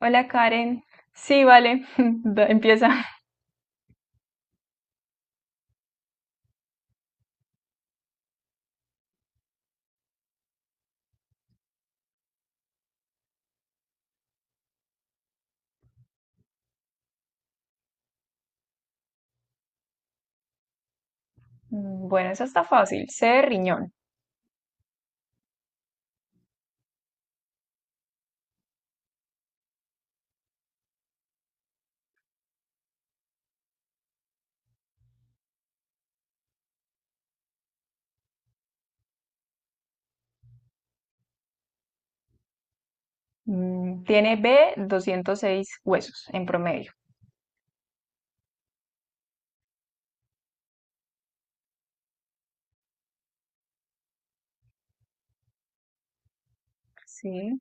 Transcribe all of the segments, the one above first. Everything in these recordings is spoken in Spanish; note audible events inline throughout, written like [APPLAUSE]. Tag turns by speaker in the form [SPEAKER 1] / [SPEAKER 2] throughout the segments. [SPEAKER 1] Hola Karen. Sí, vale. [LAUGHS] Empieza. Bueno, eso está fácil. C de riñón. Tiene B 206 huesos en promedio. Sí.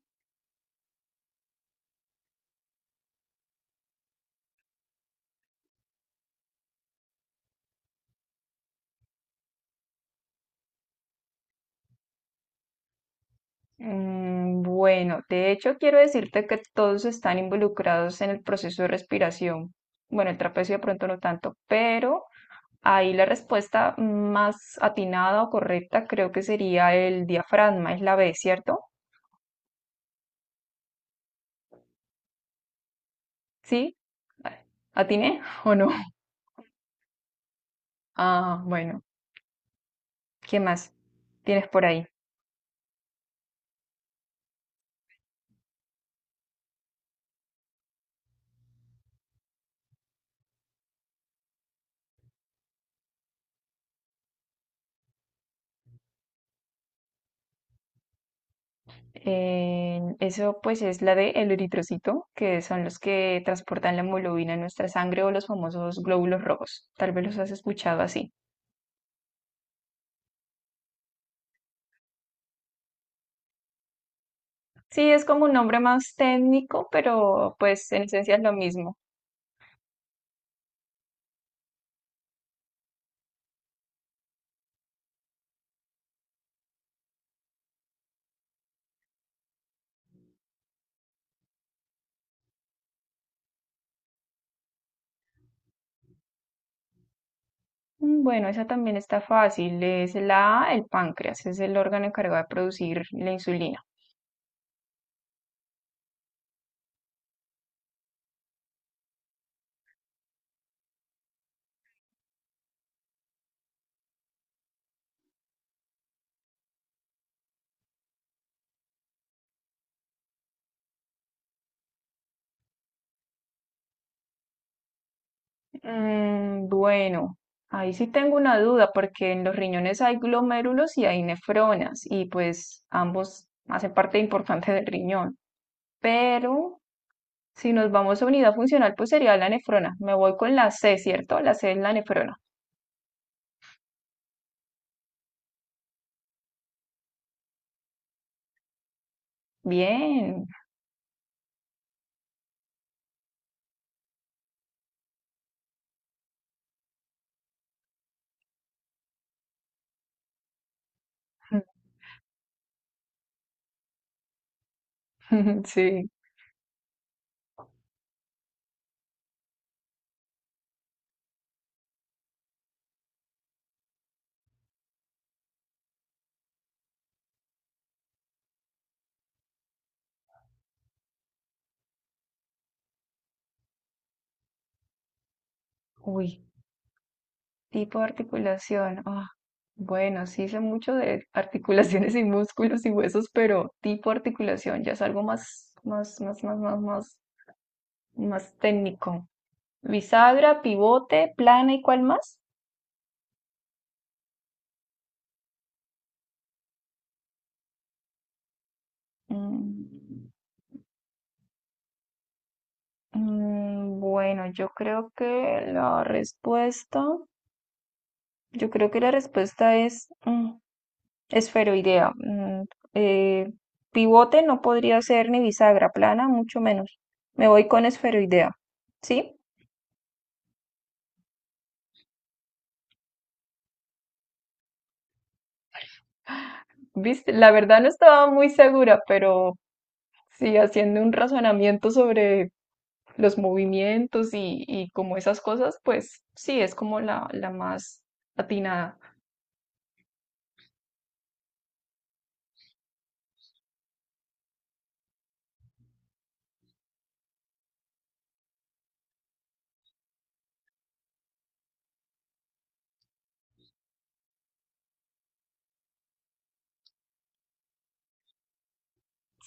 [SPEAKER 1] Bueno, de hecho quiero decirte que todos están involucrados en el proceso de respiración. Bueno, el trapecio de pronto no tanto, pero ahí la respuesta más atinada o correcta creo que sería el diafragma, es la B, ¿cierto? ¿Sí? ¿Atiné [LAUGHS] o no? Ah, bueno. ¿Qué más tienes por ahí? Eso pues es la de el eritrocito, que son los que transportan la hemoglobina en nuestra sangre o los famosos glóbulos rojos. Tal vez los has escuchado así. Sí, es como un nombre más técnico, pero pues en esencia es lo mismo. Bueno, esa también está fácil. Es la A, el páncreas, es el órgano encargado de producir la insulina. Bueno, ahí sí tengo una duda porque en los riñones hay glomérulos y hay nefronas y pues ambos hacen parte importante del riñón. Pero si nos vamos a unidad funcional, pues sería la nefrona. Me voy con la C, ¿cierto? La C es la nefrona. Bien. [LAUGHS] Sí. Uy, tipo de articulación. Ah, bueno, sí sé mucho de articulaciones y músculos y huesos, pero tipo de articulación ya es algo más, más, más, más, más, más, más técnico. Bisagra, pivote, plana, ¿y cuál más? Mm, bueno, yo creo que la respuesta, yo creo que la respuesta es esferoidea. Eh, Pivote no podría ser ni bisagra, plana mucho menos. Me voy con esferoidea. ¿Sí? ¿Viste? La verdad no estaba muy segura, pero sí, haciendo un razonamiento sobre los movimientos y como esas cosas, pues sí, es como la más atinada.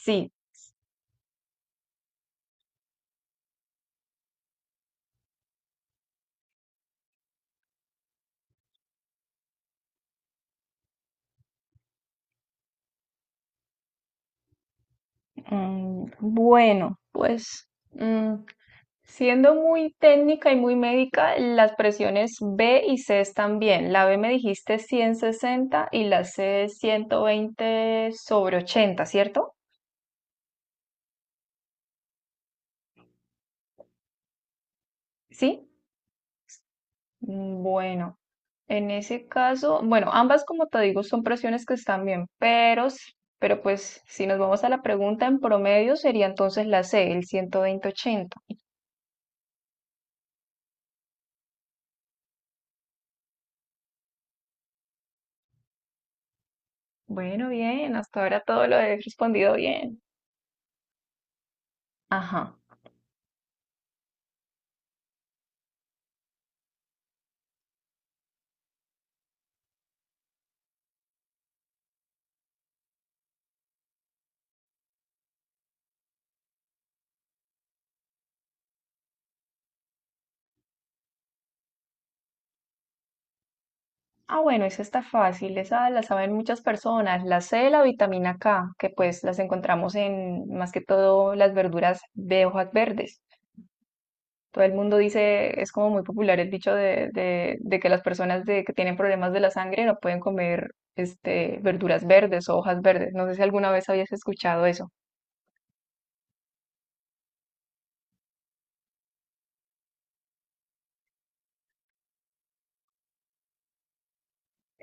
[SPEAKER 1] Sí, bueno, pues siendo muy técnica y muy médica, las presiones B y C están bien. La B me dijiste 160 y la C 120 sobre 80, ¿cierto? Sí. Bueno, en ese caso, bueno, ambas como te digo son presiones que están bien, pero, pero pues si nos vamos a la pregunta en promedio sería entonces la C, el 120/80. Bueno, bien, hasta ahora todo lo he respondido bien. Ajá. Ah, bueno, esa está fácil, esa la saben muchas personas, la C, la vitamina K, que pues las encontramos en más que todo las verduras de hojas verdes. Todo el mundo dice, es como muy popular el dicho de que las personas que tienen problemas de la sangre no pueden comer este, verduras verdes o hojas verdes. No sé si alguna vez habías escuchado eso.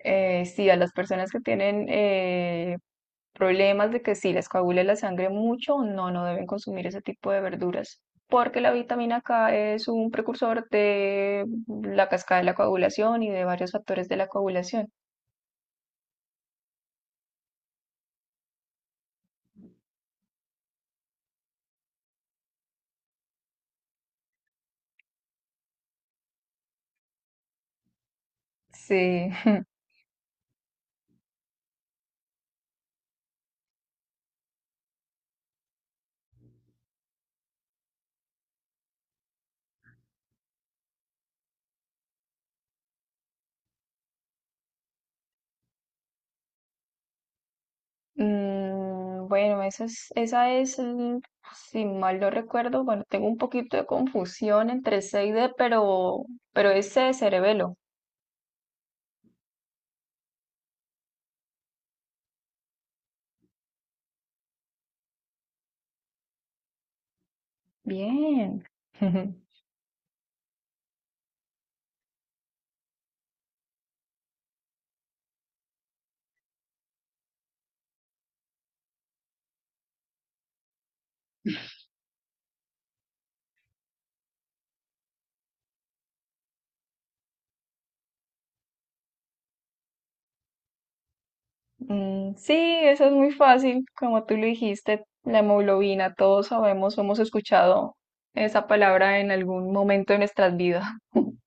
[SPEAKER 1] Sí, a las personas que tienen problemas de que sí les coagule la sangre mucho, no, no deben consumir ese tipo de verduras. Porque la vitamina K es un precursor de la cascada de la coagulación y de varios factores de la coagulación. Sí. Bueno, esa es, si mal no recuerdo, bueno, tengo un poquito de confusión entre C y D, pero es C, cerebelo. Bien. [LAUGHS] Sí, eso es muy fácil, como tú lo dijiste, la hemoglobina, todos sabemos, hemos escuchado esa palabra en algún momento de nuestras vidas. [LAUGHS]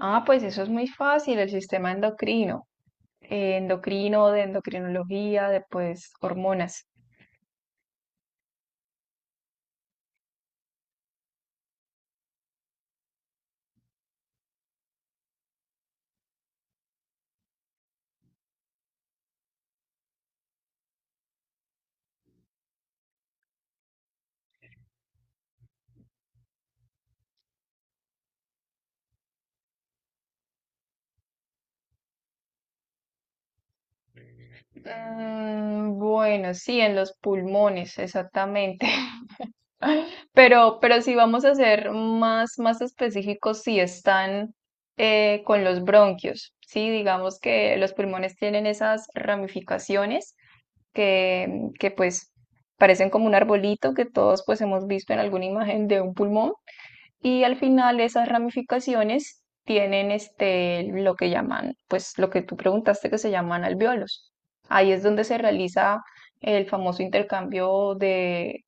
[SPEAKER 1] Ah, pues eso es muy fácil, el sistema endocrino, de endocrinología, de pues hormonas. Bueno, sí, en los pulmones, exactamente. [LAUGHS] Pero si vamos a ser más, más específicos, si están con los bronquios, ¿sí? Digamos que los pulmones tienen esas ramificaciones que pues parecen como un arbolito que todos pues hemos visto en alguna imagen de un pulmón. Y al final esas ramificaciones tienen este, lo que llaman, pues lo que tú preguntaste que se llaman alvéolos. Ahí es donde se realiza el famoso intercambio de,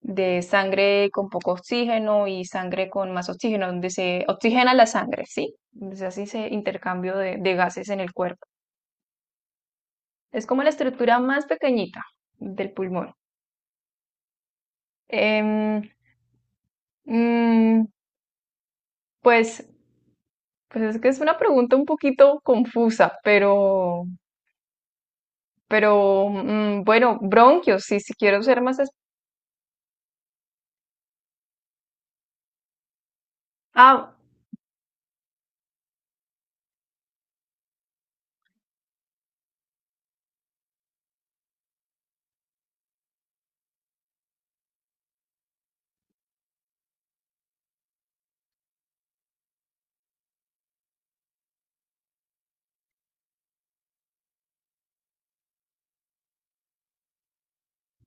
[SPEAKER 1] de sangre con poco oxígeno y sangre con más oxígeno, donde se oxigena la sangre, ¿sí? Entonces así se intercambio de gases en el cuerpo. Es como la estructura más pequeñita del pulmón. Em, mm, pues, pues es que es una pregunta un poquito confusa, pero. Pero bueno, bronquios, sí, si quiero ser más. Ah,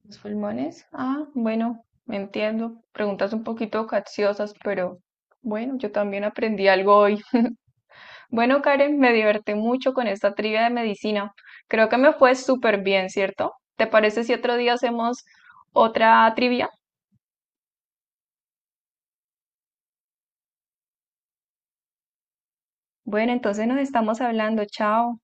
[SPEAKER 1] los pulmones. Ah, bueno, me entiendo. Preguntas un poquito capciosas, pero bueno, yo también aprendí algo hoy. Bueno, Karen, me divertí mucho con esta trivia de medicina. Creo que me fue súper bien, ¿cierto? ¿Te parece si otro día hacemos otra trivia? Bueno, entonces nos estamos hablando. Chao.